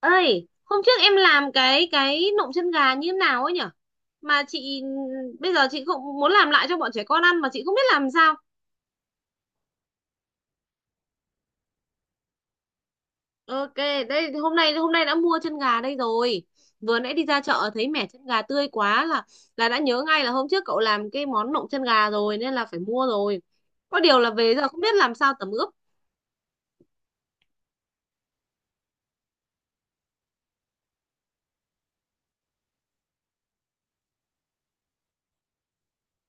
Ơi hôm trước em làm cái nộm chân gà như thế nào ấy nhở mà chị, bây giờ chị cũng muốn làm lại cho bọn trẻ con ăn mà chị không biết làm sao. Ok, đây hôm nay đã mua chân gà đây rồi. Vừa nãy đi ra chợ thấy mẻ chân gà tươi quá, là đã nhớ ngay là hôm trước cậu làm cái món nộm chân gà rồi nên là phải mua rồi. Có điều là về giờ không biết làm sao tẩm ướp.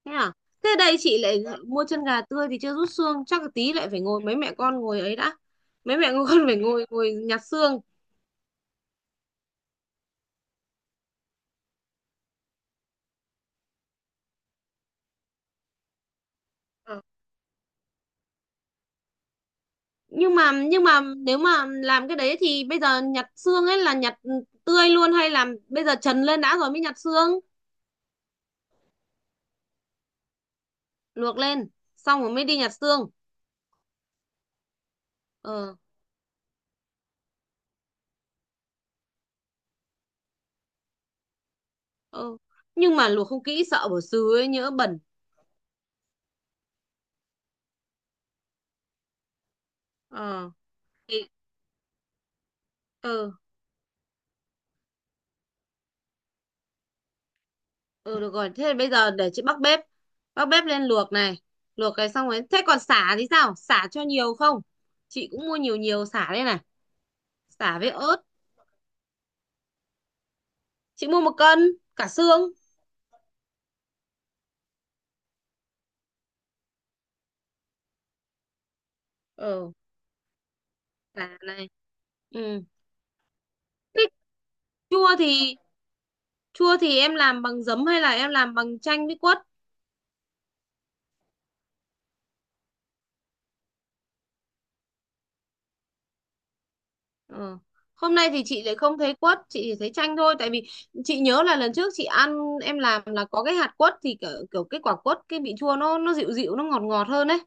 Thế à? Thế đây chị lại mua chân gà tươi thì chưa rút xương, chắc là tí lại phải ngồi mấy mẹ con ngồi ấy đã. Mấy mẹ con phải ngồi ngồi nhặt xương. Nhưng mà nếu mà làm cái đấy thì bây giờ nhặt xương ấy, là nhặt tươi luôn hay làm bây giờ trần lên đã rồi mới nhặt xương? Luộc lên xong rồi mới đi nhặt xương. Ờ. Ờ, nhưng mà luộc không kỹ sợ bỏ xứ ấy, nhỡ bẩn. Ờ thì. Ờ. Ờ, được rồi, thế bây giờ để chị bắc bếp, bắc bếp lên luộc này. Luộc cái xong rồi thế còn sả thì sao, sả cho nhiều không? Chị cũng mua nhiều nhiều sả đây này. Sả với ớt. Chị mua một cân cả xương. Ờ, sả này. Ừ. Thế chua thì, chua thì em làm bằng giấm hay là em làm bằng chanh với quất? Ờ. Hôm nay thì chị lại không thấy quất, chị chỉ thấy chanh thôi. Tại vì chị nhớ là lần trước chị ăn em làm là có cái hạt quất thì kiểu, kiểu cái quả quất, cái vị chua nó dịu dịu, nó ngọt ngọt hơn đấy.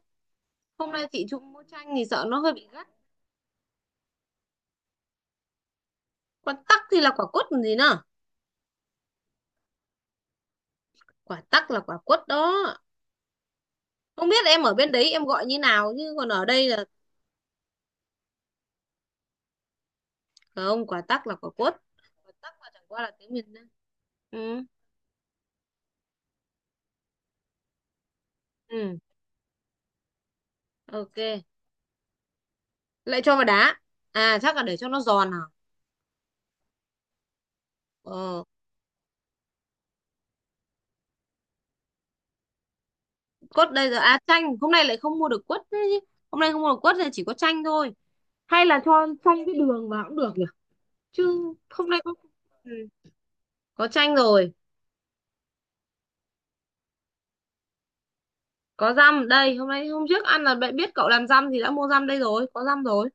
Hôm nay chị trụng mua chanh thì sợ nó hơi bị gắt. Quả tắc thì là quả quất còn gì nữa? Quả tắc là quả quất đó. Không biết em ở bên đấy em gọi như nào chứ còn ở đây là không, quả tắc là quả quất. Quả tắc là chẳng qua là tiếng miền Nam. Ừ. Ừ. Ok. Lại cho vào đá, à chắc là để cho nó giòn hả? ờ, Quất đây giờ à, chanh hôm nay lại không mua được quất đấy chứ. Hôm nay không mua được quất thì chỉ có chanh thôi, hay là cho chanh với đường vào cũng được nhỉ? Chứ hôm nay có, ừ, có chanh rồi. Có dăm đây, hôm nay hôm trước ăn là bạn biết cậu làm dăm thì đã mua dăm đây rồi, có dăm rồi.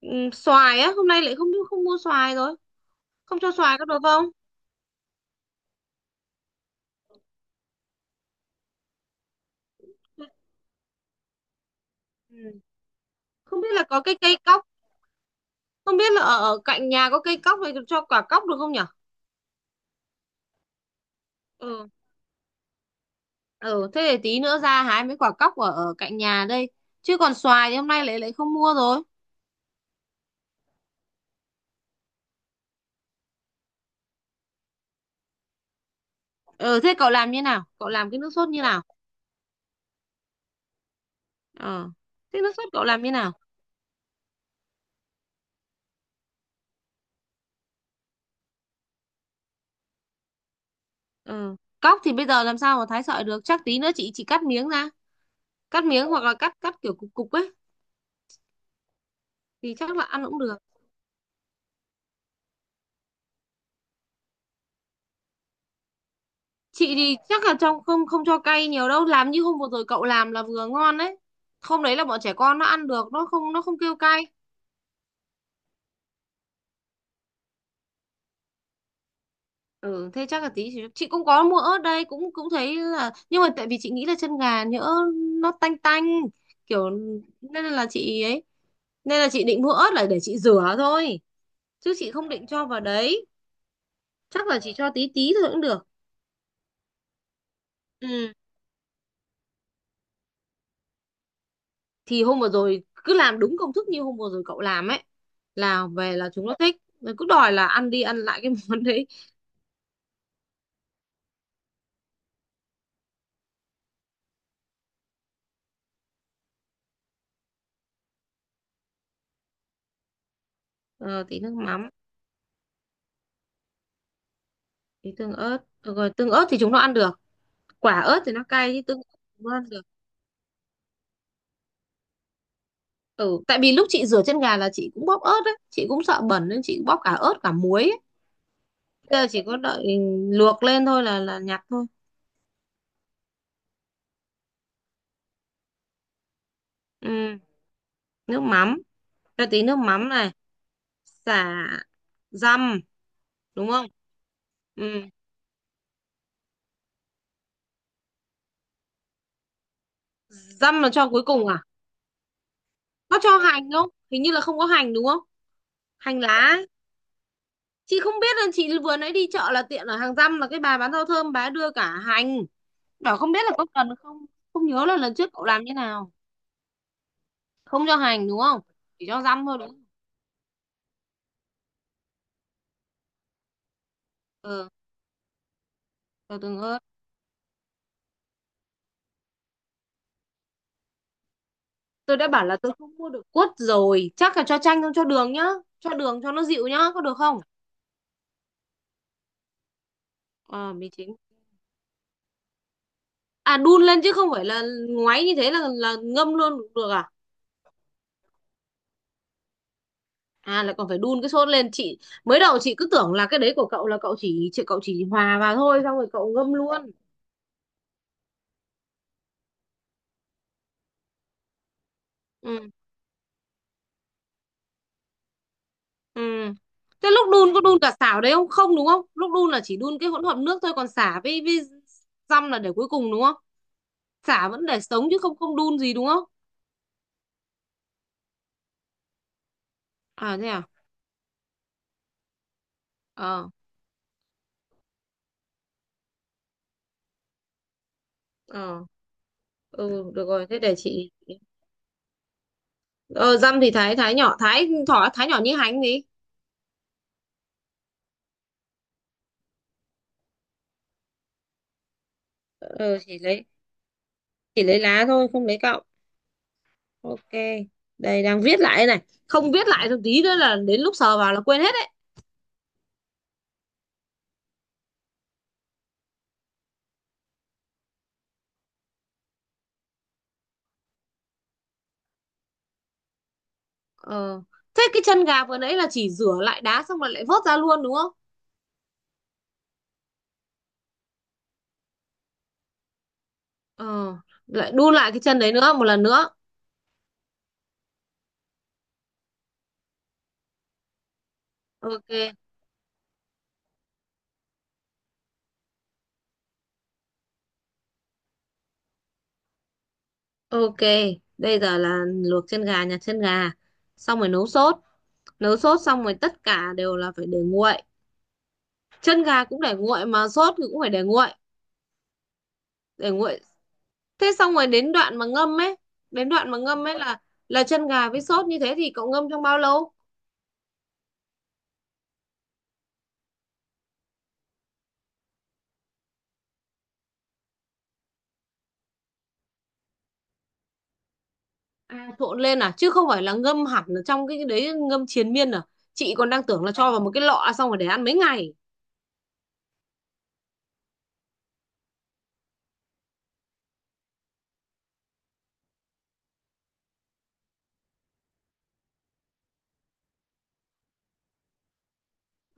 Ừ, xoài á, hôm nay lại không không mua xoài rồi. Không cho xoài có được không? Ừ. Không biết là có cái cây cóc, không biết là ở, ở cạnh nhà có cây cóc này, cho quả cóc được không nhỉ? Ừ. Ừ, thế để tí nữa ra hái mấy quả cóc ở, ở cạnh nhà đây, chứ còn xoài thì hôm nay lại lại không mua rồi. Ừ, thế cậu làm như nào, cậu làm cái nước sốt như nào? Ờ. Thế nước sốt cậu làm như nào? Ừ, cóc thì bây giờ làm sao mà thái sợi được, chắc tí nữa chị cắt miếng ra. Cắt miếng hoặc là cắt cắt kiểu cục cục ấy thì chắc là ăn cũng được. Chị thì chắc là trong, không không cho cay nhiều đâu, làm như hôm vừa rồi cậu làm là vừa ngon đấy. Hôm đấy là bọn trẻ con nó ăn được, nó không kêu cay. Ừ, thế chắc là tí chị cũng có mua ớt đây, cũng cũng thấy là, nhưng mà tại vì chị nghĩ là chân gà nhỡ nó tanh tanh kiểu, nên là chị ấy, nên là chị định mua ớt là để chị rửa thôi, chứ chị không định cho vào đấy. Chắc là chị cho tí tí thôi cũng được. Ừ. Thì hôm vừa rồi cứ làm đúng công thức như hôm vừa rồi cậu làm ấy, là về là chúng nó thích rồi, cứ đòi là ăn đi ăn lại cái món đấy. Ờ, tí nước mắm. Tí tương ớt. Ờ, rồi tương ớt thì chúng nó ăn được. Quả ớt thì nó cay chứ tương ớt chúng nó ăn được. Ừ, tại vì lúc chị rửa chân gà là chị cũng bóp ớt đấy, chị cũng sợ bẩn nên chị bóp cả ớt cả muối ấy. Bây giờ chỉ có đợi luộc lên thôi là nhặt thôi. Ừ, nước mắm, cho tí nước mắm này, xả, dăm, đúng không? Ừ, dăm là cho cuối cùng à? Có cho hành không? Hình như là không có hành đúng không? Hành lá. Ấy. Chị không biết là chị vừa nãy đi chợ là tiện ở hàng răm là cái bà bán rau thơm bà ấy đưa cả hành. Bảo không biết là có cần không? Không nhớ là lần trước cậu làm như nào. Không cho hành đúng không, chỉ cho răm thôi đúng không? Ờ. Cho tương ớt. Tôi đã bảo là tôi không mua được quất rồi, chắc là cho chanh không, cho đường nhá. Cho đường cho nó dịu nhá, có được không? Ờ, mì chính. À đun lên chứ không phải là ngoáy như thế là ngâm luôn cũng được à? À lại còn phải đun cái sốt lên chị, mới đầu chị cứ tưởng là cái đấy của cậu là cậu chỉ chị, cậu chỉ hòa vào thôi xong rồi cậu ngâm luôn. Ừ. Ừ, thế lúc đun có đun cả xả vào đấy không, không đúng không, lúc đun là chỉ đun cái hỗn hợp nước thôi, còn xả với dăm là để cuối cùng đúng không? Sả vẫn để sống chứ không, không đun gì đúng không? À thế à? Ờ. Ờ. Ừ, được rồi, thế để chị. Ờ dăm thì thái thái nhỏ, thái thỏ thái nhỏ như hành gì? Ờ chỉ lấy, chỉ lấy lá thôi, không lấy cọng. Ok. Đây đang viết lại đây này. Không viết lại một tí nữa là đến lúc sờ vào là quên hết đấy. Ờ. Thế cái chân gà vừa nãy là chỉ rửa lại đá xong rồi lại vớt ra luôn đúng không? Ờ, lại đun lại cái chân đấy nữa một lần nữa. Ok. Ok, bây giờ là luộc chân gà, nhặt chân gà, xong rồi nấu sốt. Nấu sốt xong rồi tất cả đều là phải để nguội. Chân gà cũng để nguội mà sốt thì cũng phải để nguội, để nguội. Thế xong rồi đến đoạn mà ngâm ấy, đến đoạn mà ngâm ấy là chân gà với sốt như thế thì cậu ngâm trong bao lâu? À, trộn lên à, chứ không phải là ngâm hẳn ở trong cái đấy ngâm triền miên à. Chị còn đang tưởng là cho vào một cái lọ xong rồi để ăn mấy ngày.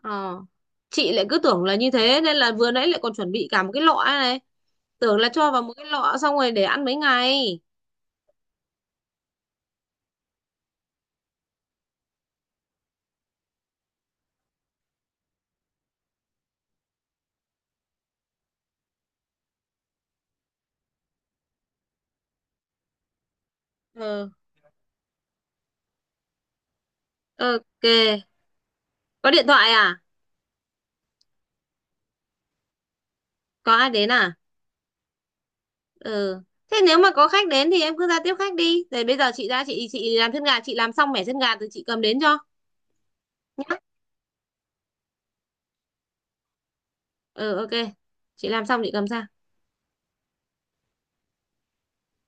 Ờ. Chị lại cứ tưởng là như thế nên là vừa nãy lại còn chuẩn bị cả một cái lọ này. Tưởng là cho vào một cái lọ xong rồi để ăn mấy ngày. Ừ. Ok. Có điện thoại à? Có ai đến à? Ừ. Thế nếu mà có khách đến thì em cứ ra tiếp khách đi. Rồi bây giờ chị ra, chị làm chân gà, chị làm xong mẻ chân gà rồi chị cầm đến cho nhá. Ừ ok. Chị làm xong chị cầm ra.